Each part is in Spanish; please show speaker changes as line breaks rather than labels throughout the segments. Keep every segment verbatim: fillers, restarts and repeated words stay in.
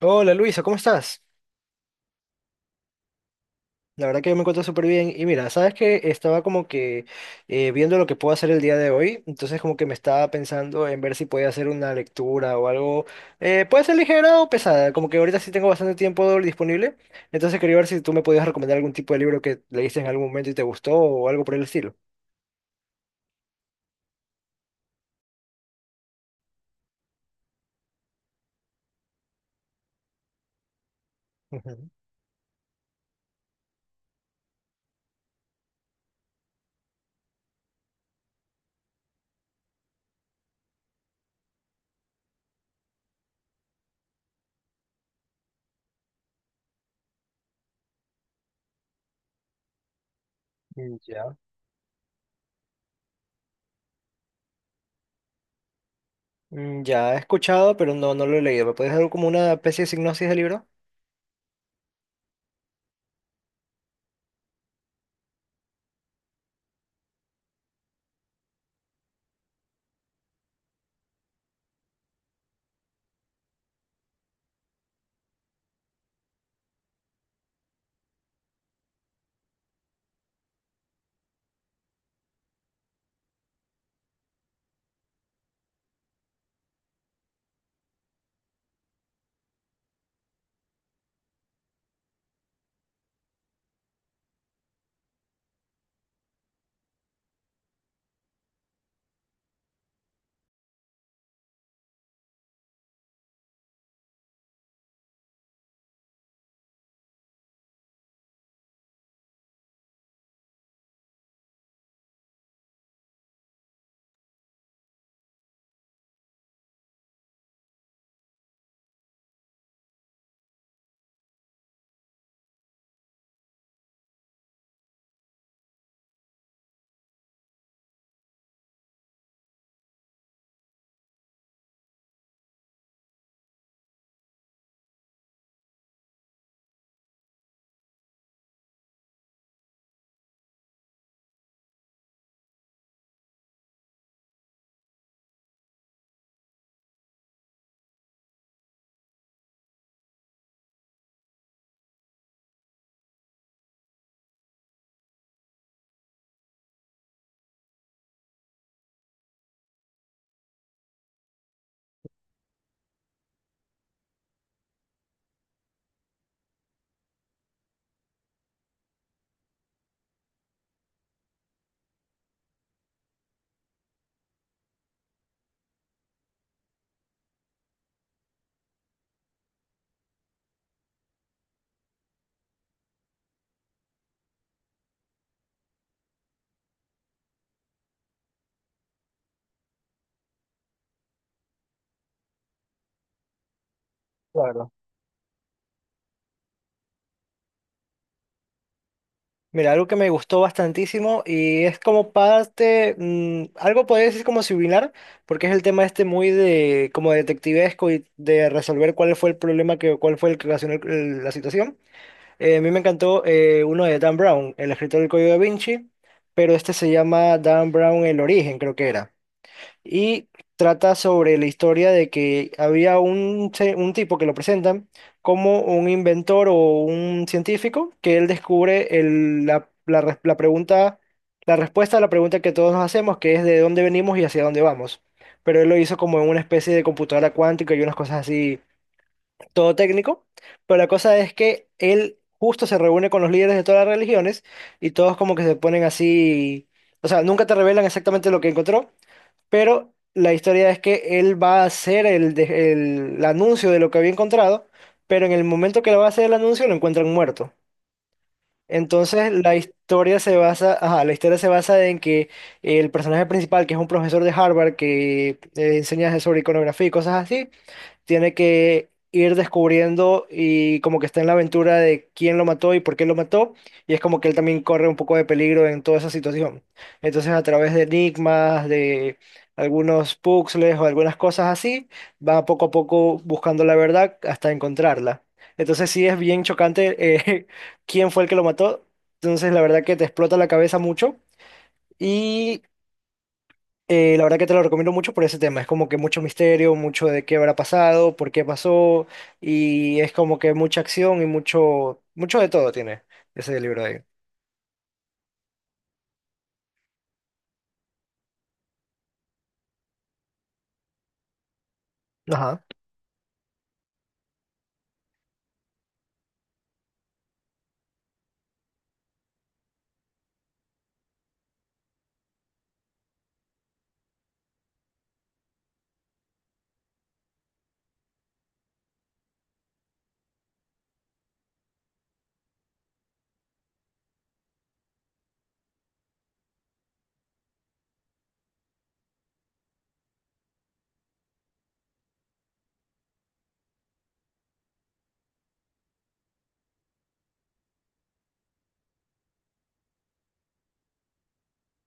Hola Luisa, ¿cómo estás? La verdad que yo me encuentro súper bien. Y mira, sabes que estaba como que eh, viendo lo que puedo hacer el día de hoy, entonces como que me estaba pensando en ver si podía hacer una lectura o algo. Eh, puede ser ligera o pesada, como que ahorita sí tengo bastante tiempo disponible, entonces quería ver si tú me podías recomendar algún tipo de libro que leíste en algún momento y te gustó o algo por el estilo. Ujú. Mm. Ya. Mm. Ya he escuchado, pero no, no lo he leído. ¿Me puedes dar como una especie de sinopsis del libro? Claro. Mira, algo que me gustó bastantísimo y es como parte, mm, algo podría decir como similar, porque es el tema este muy de como detectivesco y de resolver cuál fue el problema que, cuál fue el que ocasionó el- el- la situación. Eh, a mí me encantó eh, uno de Dan Brown, el escritor del Código da Vinci, pero este se llama Dan Brown El Origen, creo que era y trata sobre la historia de que había un, se- un tipo que lo presentan como un inventor o un científico que él descubre el- la, la res- la pregunta, la respuesta a la pregunta que todos nos hacemos, que es de dónde venimos y hacia dónde vamos. Pero él lo hizo como en una especie de computadora cuántica y unas cosas así, todo técnico. Pero la cosa es que él justo se reúne con los líderes de todas las religiones y todos como que se ponen así, o sea, nunca te revelan exactamente lo que encontró, pero la historia es que él va a hacer el, de- el, el anuncio de lo que había encontrado, pero en el momento que lo va a hacer el anuncio lo encuentran muerto. Entonces la historia se basa, ajá, la historia se basa en que el personaje principal, que es un profesor de Harvard que eh, enseña sobre iconografía y cosas así, tiene que ir descubriendo y como que está en la aventura de quién lo mató y por qué lo mató, y es como que él también corre un poco de peligro en toda esa situación. Entonces a través de enigmas, de algunos puzzles o algunas cosas así, va poco a poco buscando la verdad hasta encontrarla. Entonces sí es bien chocante, eh, quién fue el que lo mató, entonces la verdad que te explota la cabeza mucho. Y eh, La verdad que te lo recomiendo mucho por ese tema. Es como que mucho misterio, mucho de qué habrá pasado, por qué pasó, y es como que mucha acción y mucho, mucho de todo tiene ese libro ahí. Ajá.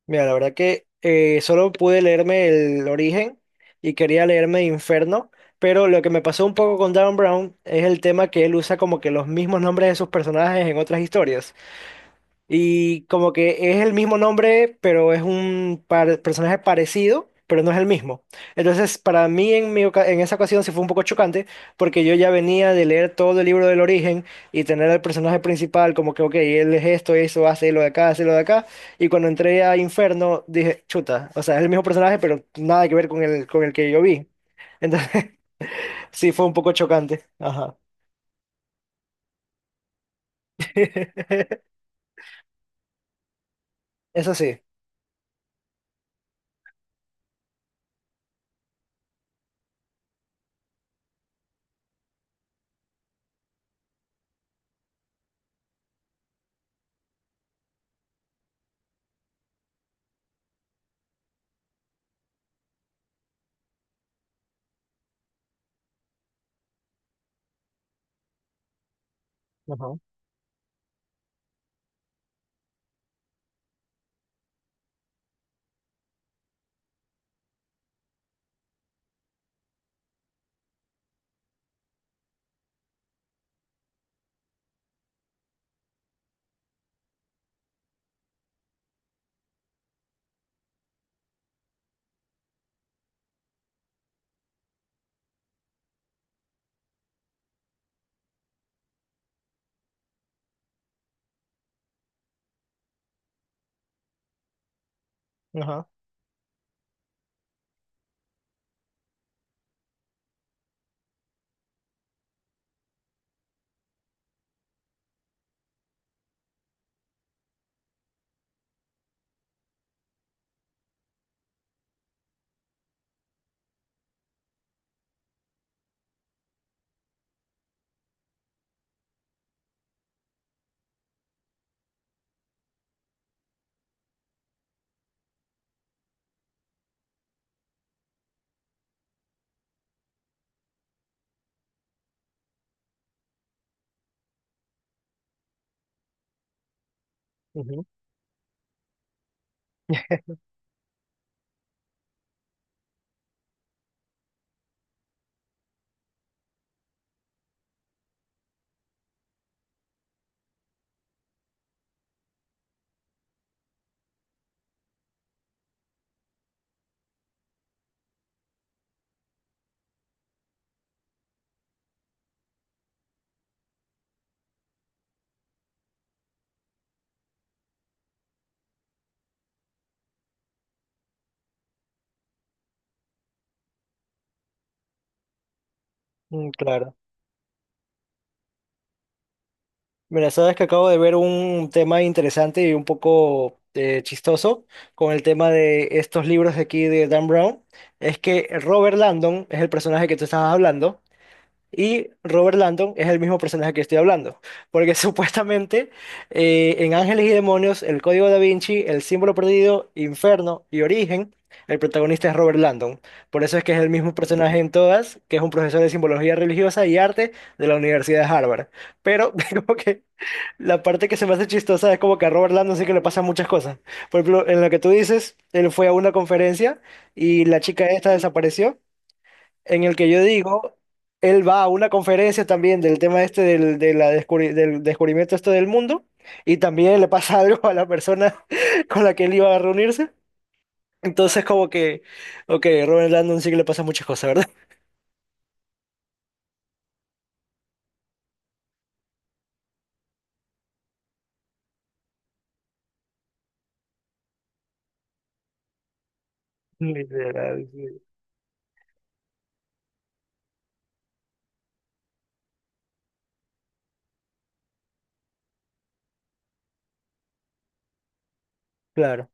Mira, la verdad que eh, solo pude leerme El Origen y quería leerme Inferno, pero lo que me pasó un poco con Dan Brown es el tema que él usa como que los mismos nombres de sus personajes en otras historias. Y como que es el mismo nombre, pero es un par- personaje parecido, pero no es el mismo. Entonces, para mí en, mi oca- en esa ocasión sí fue un poco chocante, porque yo ya venía de leer todo el libro del origen y tener al personaje principal como que, ok, él es esto, eso, hace lo de acá, hace lo de acá. Y cuando entré a Inferno, dije, chuta, o sea, es el mismo personaje, pero nada que ver con el, con el que yo vi. Entonces, sí fue un poco chocante. Ajá. Eso sí. Ajá. Ajá. Ujú. Mm. Claro. Mira, sabes que acabo de ver un tema interesante y un poco eh, chistoso con el tema de estos libros de aquí de Dan Brown. Es que Robert Landon es el personaje que tú estabas hablando. Y Robert Landon es el mismo personaje que estoy hablando, porque supuestamente eh, en Ángeles y Demonios, El Código Da Vinci, El Símbolo Perdido, Inferno y Origen, el protagonista es Robert Landon. Por eso es que es el mismo personaje en todas, que es un profesor de simbología religiosa y arte de la Universidad de Harvard. Pero como que la parte que se me hace chistosa es como que a Robert Landon sí que le pasan muchas cosas. Por ejemplo, en lo que tú dices, él fue a una conferencia y la chica esta desapareció, en el que yo digo, él va a una conferencia también del tema este del, de la descubri- del descubrimiento este del mundo y también le pasa algo a la persona con la que él iba a reunirse. Entonces como que, ok, Robert Landon sí que le pasa muchas cosas, ¿verdad? Literal, sí. Claro,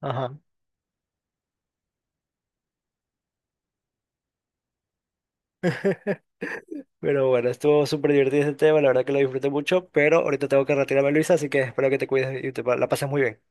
ajá. Pero bueno, estuvo súper divertido este tema, la verdad que lo disfruté mucho, pero ahorita tengo que retirarme, Luisa, así que espero que te cuides y te pa- la pases muy bien.